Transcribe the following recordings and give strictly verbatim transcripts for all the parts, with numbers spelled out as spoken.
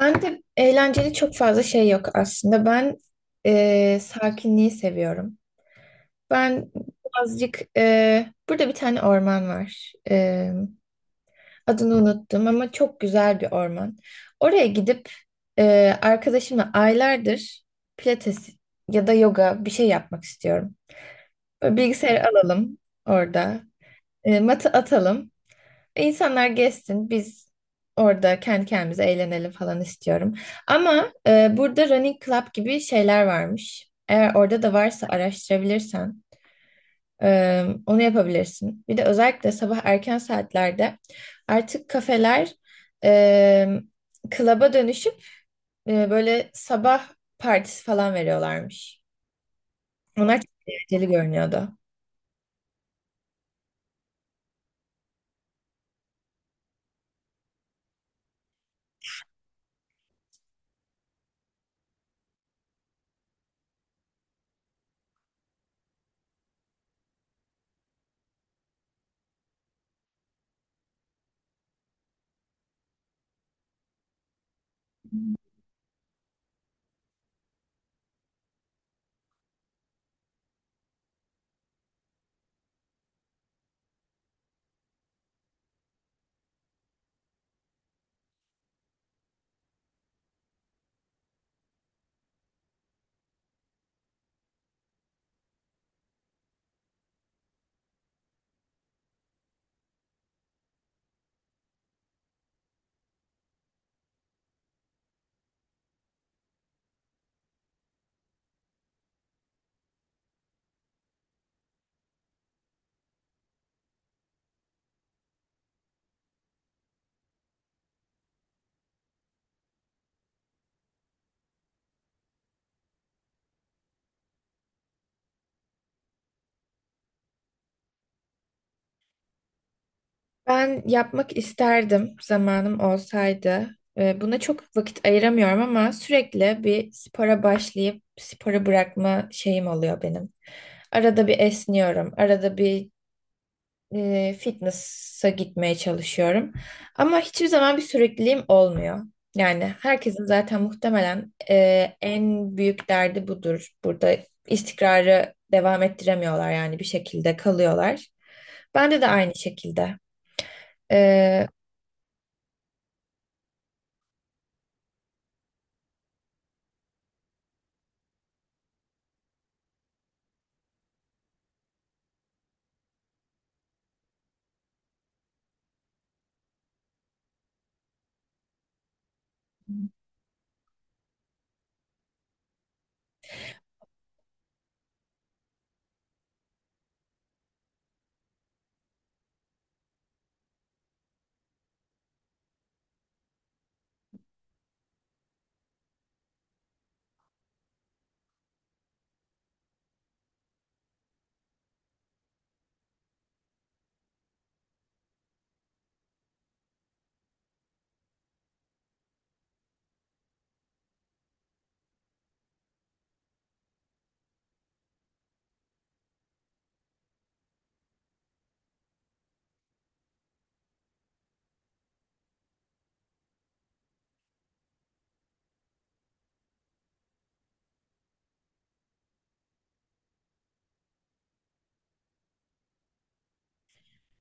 Ben de eğlenceli çok fazla şey yok aslında. Ben e, sakinliği seviyorum. Ben birazcık e, Burada bir tane orman var. E, adını unuttum ama çok güzel bir orman. Oraya gidip e, arkadaşımla aylardır pilates ya da yoga bir şey yapmak istiyorum. Böyle bilgisayarı alalım orada. E, matı atalım. İnsanlar gezsin, biz orada kendi kendimize eğlenelim falan istiyorum. Ama e, burada running club gibi şeyler varmış. Eğer orada da varsa araştırabilirsen e, onu yapabilirsin. Bir de özellikle sabah erken saatlerde artık kafeler e, club'a dönüşüp e, böyle sabah partisi falan veriyorlarmış. Onlar çok eğlenceli görünüyordu. Ben yapmak isterdim zamanım olsaydı. Ee, Buna çok vakit ayıramıyorum ama sürekli bir spora başlayıp sporu bırakma şeyim oluyor benim. Arada bir esniyorum, arada bir e, fitness'a gitmeye çalışıyorum. Ama hiçbir zaman bir sürekliliğim olmuyor. Yani herkesin zaten muhtemelen e, en büyük derdi budur. Burada istikrarı devam ettiremiyorlar yani bir şekilde kalıyorlar. Bende de aynı şekilde. Ee,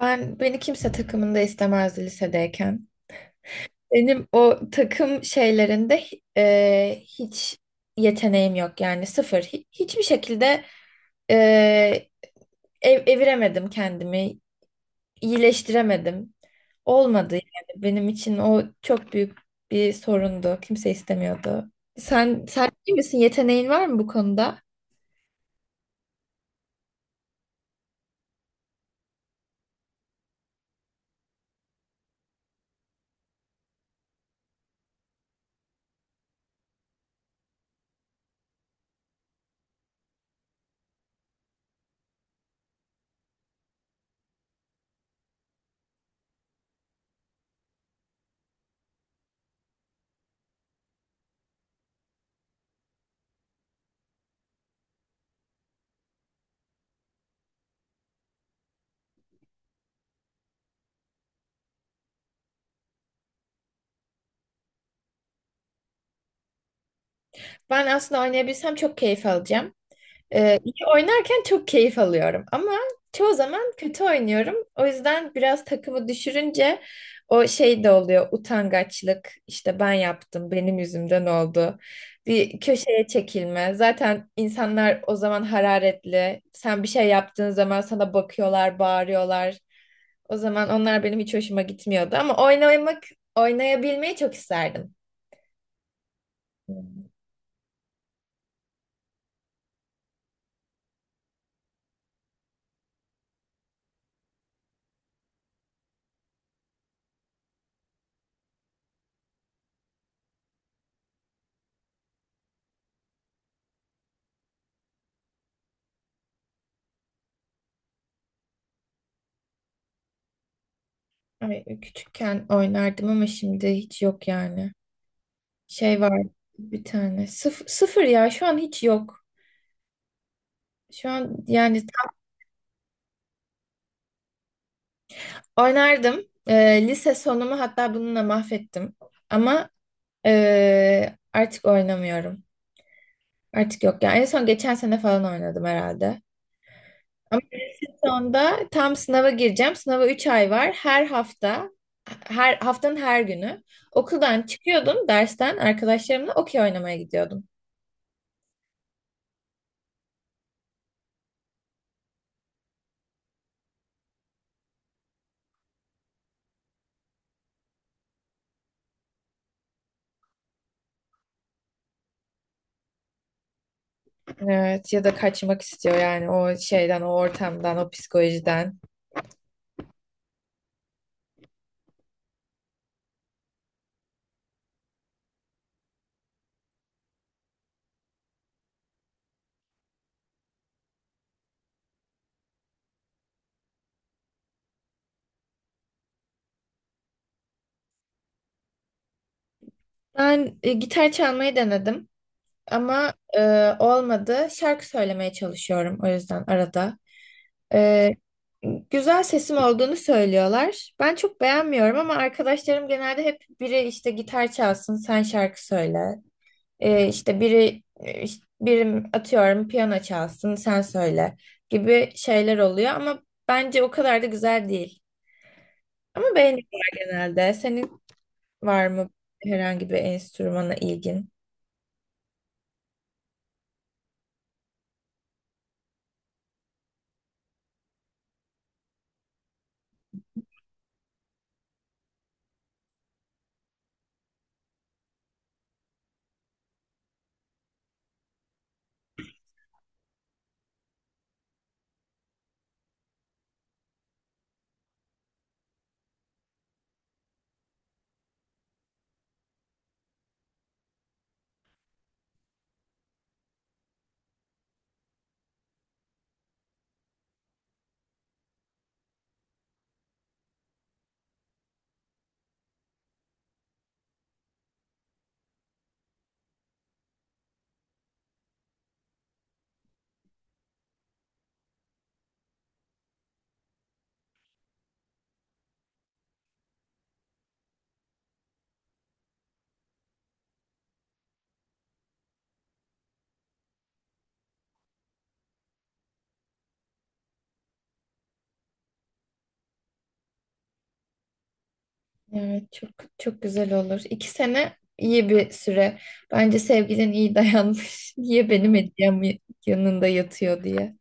Ben beni kimse takımında istemezdi lisedeyken. Benim o takım şeylerinde e, hiç yeteneğim yok yani sıfır. Hi- hiçbir şekilde e, ev, eviremedim kendimi, iyileştiremedim. Olmadı yani benim için o çok büyük bir sorundu. Kimse istemiyordu. Sen sen iyi misin? Yeteneğin var mı bu konuda? Ben aslında oynayabilsem çok keyif alacağım. Ee, iyi oynarken çok keyif alıyorum ama çoğu zaman kötü oynuyorum. O yüzden biraz takımı düşürünce o şey de oluyor, utangaçlık. İşte ben yaptım, benim yüzümden oldu. Bir köşeye çekilme. Zaten insanlar o zaman hararetli. Sen bir şey yaptığın zaman sana bakıyorlar, bağırıyorlar. O zaman onlar benim hiç hoşuma gitmiyordu ama oynamak, oynayabilmeyi çok isterdim. Ay, e, küçükken oynardım ama şimdi hiç yok yani. Şey var bir tane. Sıf sıfır ya, şu an hiç yok. Şu an yani ta- oynardım. Ee, lise sonumu hatta bununla mahvettim. Ama ee, artık oynamıyorum. Artık yok yani. En son geçen sene falan oynadım herhalde. Ama sonda tam sınava gireceğim. Sınava üç ay var. Her hafta, her haftanın her günü okuldan çıkıyordum, dersten arkadaşlarımla okey oynamaya gidiyordum. Evet, ya da kaçmak istiyor yani o şeyden, o ortamdan, o psikolojiden. Ben e, gitar çalmayı denedim ama e, olmadı. Şarkı söylemeye çalışıyorum o yüzden arada. E, Güzel sesim olduğunu söylüyorlar. Ben çok beğenmiyorum ama arkadaşlarım genelde hep, biri işte gitar çalsın, sen şarkı söyle. Ee, işte biri e, işte birim atıyorum, piyano çalsın sen söyle gibi şeyler oluyor ama bence o kadar da güzel değil. Ama beğeniyorlar genelde. Senin var mı herhangi bir enstrümana ilgin? Evet, çok çok güzel olur. İki sene iyi bir süre. Bence sevgilin iyi dayanmış. Niye benim hediyem yanında yatıyor diye.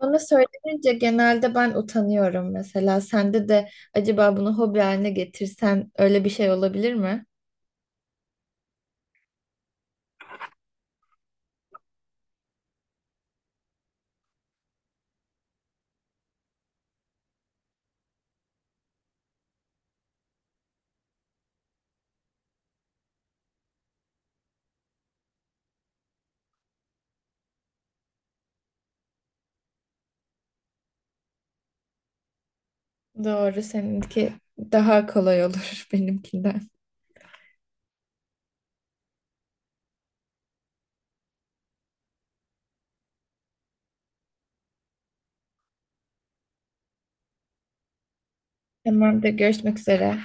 Bana söylenince genelde ben utanıyorum mesela. Sende de acaba bunu hobi haline getirsen öyle bir şey olabilir mi? Doğru, seninki daha kolay olur benimkinden. Tamamdır, görüşmek üzere.